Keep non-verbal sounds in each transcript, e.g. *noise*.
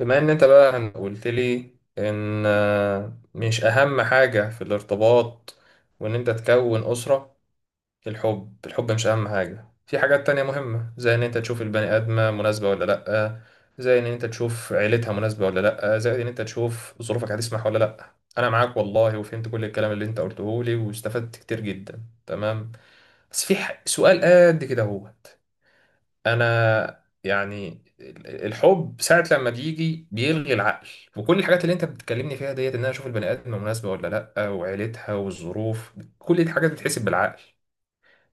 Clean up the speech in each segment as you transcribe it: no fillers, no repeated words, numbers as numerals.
بما ان انت بقى قلت لي ان مش اهم حاجة في الارتباط وان انت تكون اسرة. الحب مش اهم حاجة، في حاجات تانية مهمة زي ان انت تشوف البني ادمة مناسبة ولا لأ، زي ان انت تشوف عيلتها مناسبة ولا لأ، زي ان انت تشوف ظروفك هتسمح ولا لأ. انا معاك والله، وفهمت كل الكلام اللي انت قلته لي واستفدت كتير جدا. تمام، بس في سؤال قد كده. هو انا يعني الحب ساعة لما بيجي بيلغي العقل، وكل الحاجات اللي انت بتكلمني فيها ديت ان انا اشوف البني ادم مناسبة ولا لا، وعيلتها والظروف، كل دي حاجات بتتحسب بالعقل.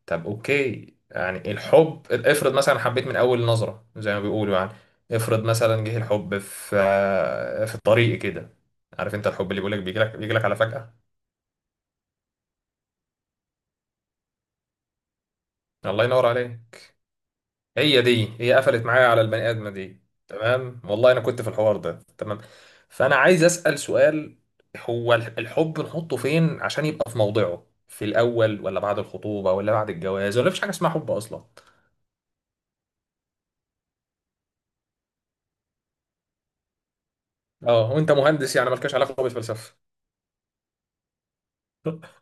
طب اوكي، يعني الحب افرض مثلا حبيت من اول نظرة زي ما بيقولوا يعني، افرض مثلا جه الحب في الطريق كده. عارف انت الحب اللي بيقولك بيجيلك على فجأة؟ الله ينور عليك. هي دي، هي قفلت معايا على البني ادمه دي. تمام، والله انا كنت في الحوار ده تمام. فانا عايز اسال سؤال: هو الحب نحطه فين عشان يبقى في موضعه؟ في الاول ولا بعد الخطوبه ولا بعد الجواز، ولا مفيش حاجه اسمها حب اصلا؟ اه، وانت مهندس يعني مالكش علاقه بالفلسفه؟ *laughs*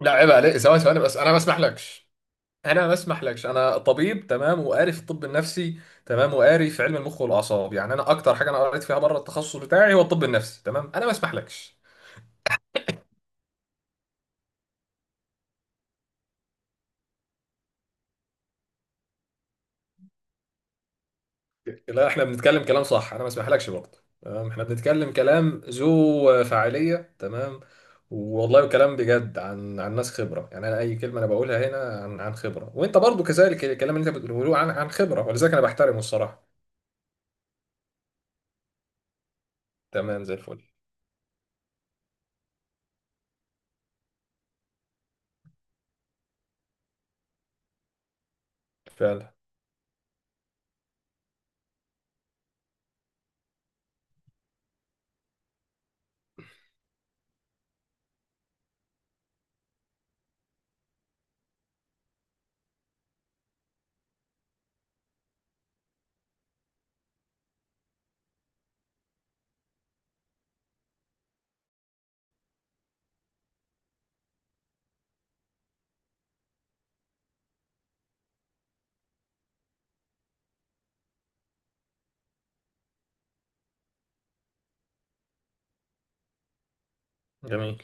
لا عيب عليك، ثواني ثواني، بس انا ما اسمحلكش. انا ما اسمحلكش، انا طبيب تمام، وقاري في الطب النفسي تمام، وقاري في علم المخ والاعصاب. يعني انا اكتر حاجه انا قريت فيها بره التخصص بتاعي هو الطب النفسي، تمام، انا ما اسمحلكش. لا، احنا بنتكلم كلام صح، انا ما اسمحلكش برضه، تمام، احنا بنتكلم كلام ذو فاعليه تمام. والله كلام بجد عن ناس خبره، يعني انا اي كلمه انا بقولها هنا عن خبره، وانت برضه كذلك، الكلام اللي انت بتقوله عن خبره، ولذلك انا بحترمه الصراحه. تمام، زي الفل. فعلا. جميل.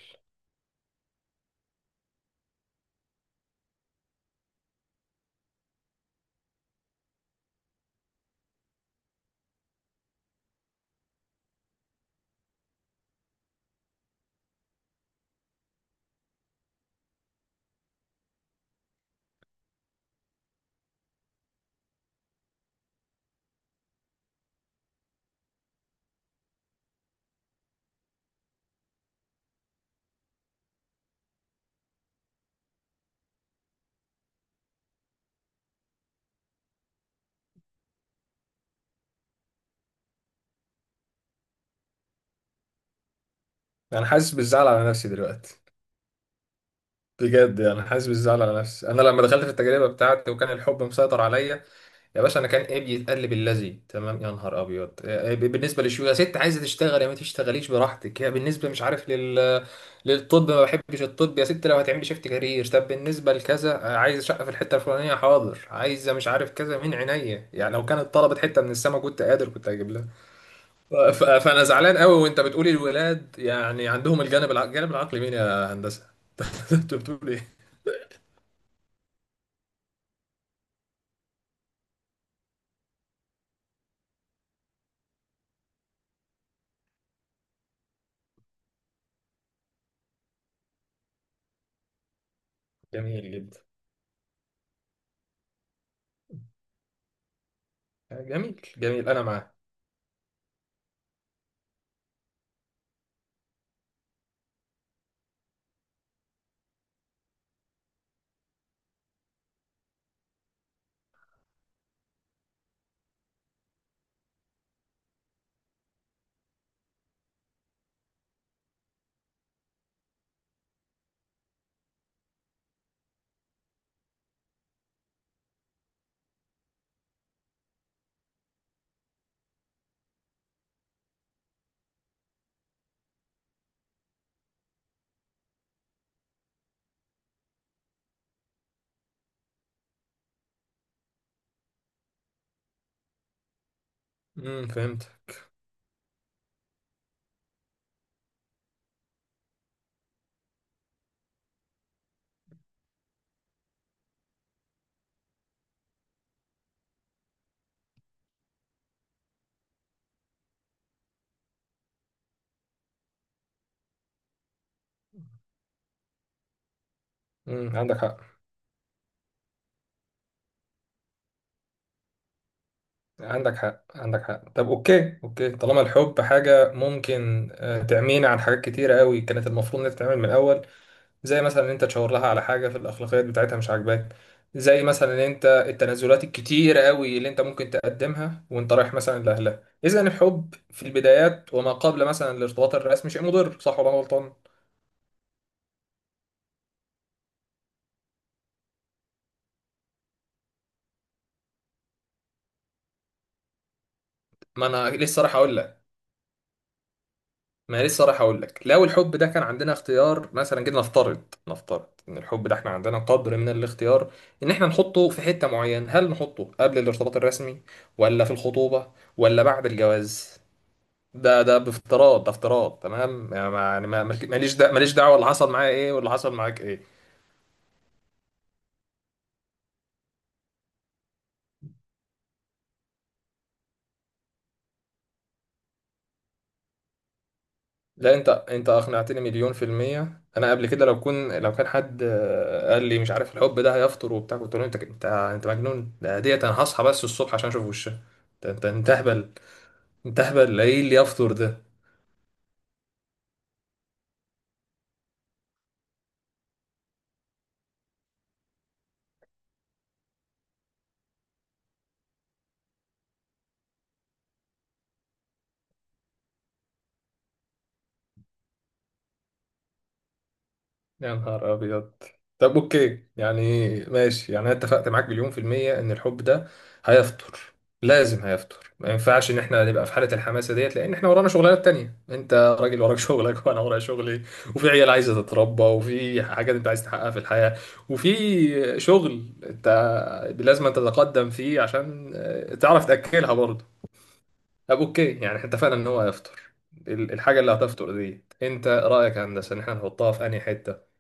انا حاسس بالزعل على نفسي دلوقتي. بجد يعني حاسس بالزعل على نفسي. انا لما دخلت في التجربه بتاعتي وكان الحب مسيطر عليا، يا باشا، انا كان ايه بيتقلب اللذي؟ تمام، يا نهار ابيض، إيه بالنسبه للشو؟ يا ست عايزه تشتغل يا ما تشتغليش براحتك، يا بالنسبه مش عارف لل للطب، ما بحبش الطب، يا ست لو هتعملي شيفت كارير، طب بالنسبه لكذا، عايزه شقه في الحته الفلانيه، حاضر، عايزه مش عارف كذا، من عينيا. يعني لو كانت طلبت حته من السما كنت قادر، كنت هجيب لها. فانا زعلان قوي، وانت بتقولي الولاد يعني عندهم الجانب الجانب العقلي؟ مين يا هندسه؟ *laughs* انت بتقول ايه؟ جميل جدا. جميل جميل، انا معاه. امم، فهمت. امم، عندك حق، عندك حق، عندك حق. طب اوكي، اوكي، طالما الحب حاجة ممكن تعمينا عن حاجات كتيرة قوي كانت المفروض انها تتعمل من الاول، زي مثلا ان انت تشاور لها على حاجة في الاخلاقيات بتاعتها مش عاجباك، زي مثلا ان انت التنازلات الكتيرة قوي اللي انت ممكن تقدمها وانت رايح مثلا لاهلها اذا الحب في البدايات وما قبل مثلا الارتباط الرسمي، شيء مضر صح ولا أنا غلطان؟ ما انا لسه راح اقول لك، ما لسه رايح اقول لك، لو الحب ده كان عندنا اختيار مثلا، جينا نفترض، نفترض ان الحب ده احنا عندنا قدر من الاختيار، ان احنا نحطه في حتة معينة، هل نحطه قبل الارتباط الرسمي، ولا في الخطوبة، ولا بعد الجواز؟ ده ده بافتراض، ده افتراض تمام، يعني ما يعني ماليش دعوة، ماليش دعوة اللي حصل معايا ايه واللي حصل معاك ايه. لا، انت انت اقنعتني مليون في المية. انا قبل كده لو كان حد قال لي مش عارف الحب ده هيفطر وبتاع، كنت اقول له انت انت انت مجنون، ده ديت انا هصحى بس الصبح عشان اشوف وشها. انت انت انت اهبل، انت اهبل، ايه اللي يفطر ده؟ يا نهار أبيض. طب أوكي، يعني ماشي، يعني أنا اتفقت معاك مليون في المية إن الحب ده هيفطر، لازم هيفطر، ما ينفعش إن إحنا نبقى في حالة الحماسة ديت، لأن إحنا ورانا شغلانات تانية. أنت راجل وراك شغلك وأنا ورايا شغلي، وفي عيال عايزة تتربى، وفي حاجات أنت عايز تحققها في الحياة، وفي شغل أنت لازم أنت تتقدم فيه عشان تعرف تأكلها برضه. طب أوكي، يعني إحنا اتفقنا إن هو هيفطر. الحاجة اللي هتفطر دي أنت رأيك يا هندسة إن إحنا نحطها في أنهي حتة؟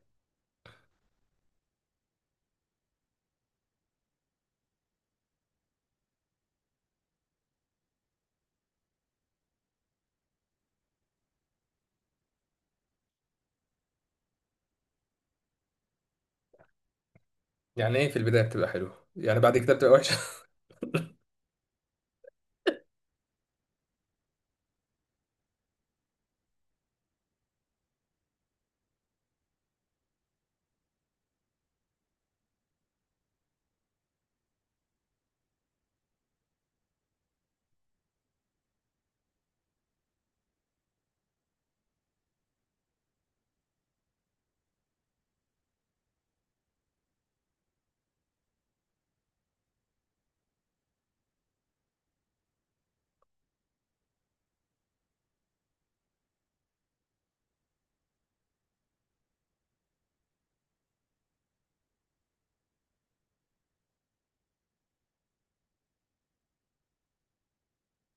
يعني ايه في البداية بتبقى حلوة يعني بعد كده بتبقى وحشة؟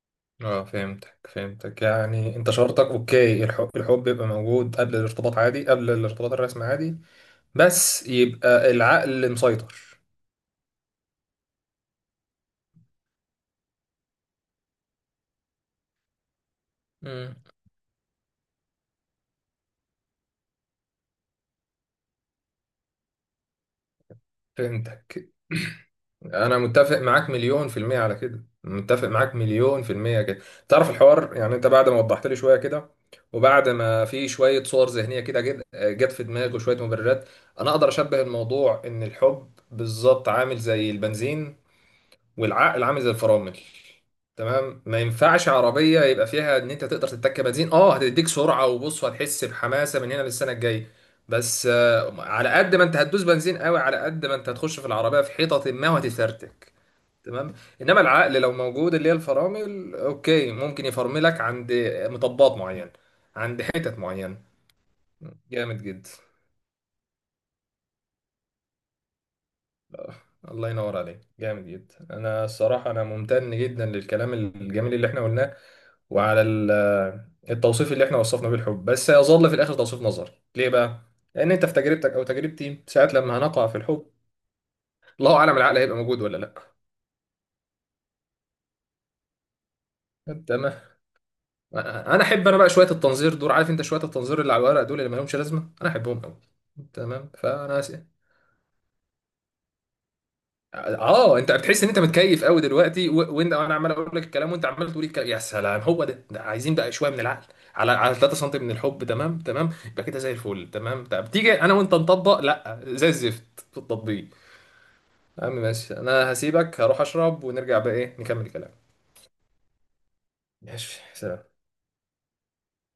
*laughs* اه، فهمتك فهمتك. يعني انت شرطك اوكي، الحب الحب بيبقى موجود قبل الارتباط عادي، قبل الارتباط الرسمي عادي، بس يبقى العقل مسيطر. امم، فهمتك. *clears throat* انا متفق معاك مليون في المية على كده، متفق معاك مليون في المية كده. تعرف الحوار يعني انت بعد ما وضحت لي شوية كده، وبعد ما في شوية صور ذهنية كده جت في دماغي وشوية مبررات، انا اقدر اشبه الموضوع ان الحب بالظبط عامل زي البنزين، والعقل عامل زي الفرامل. تمام، ما ينفعش عربيه يبقى فيها ان انت تقدر تتك بنزين. اه هتديك سرعه وبص، هتحس بحماسه من هنا للسنه الجايه، بس على قد ما انت هتدوس بنزين قوي، على قد ما انت هتخش في العربيه في حيطه ما وهتفرتك. تمام، انما العقل لو موجود، اللي هي الفرامل، اوكي ممكن يفرملك عند مطبات معينه، عند حتت معينه. جامد جدا. آه، الله ينور عليك، جامد جدا. انا الصراحه انا ممتن جدا للكلام الجميل اللي احنا قلناه وعلى التوصيف اللي احنا وصفنا بيه الحب. بس يظل في الاخر توصيف نظري. ليه بقى؟ لان انت في تجربتك او تجربتي ساعات لما هنقع في الحب، الله اعلم العقل هيبقى موجود ولا لا. تمام. انا احب انا بقى شويه التنظير دول، عارف انت، شويه التنظير اللي على الورق دول اللي ما لهمش لازمه، انا احبهم قوي. تمام فانا، اه، انت بتحس ان انت متكيف قوي دلوقتي، وانت وانا عمال اقول لك الكلام وانت عمال تقول الكلام يا سلام هو ده عايزين بقى شويه من العقل على 3 سم من الحب. تمام تمام، يبقى كده زي الفل. تمام، طب تيجي انا وانت نطبق، لا زي الزفت في التطبيق. يا عم ماشي، انا هسيبك هروح اشرب ونرجع بقى ايه نكمل الكلام. ماشي سلام.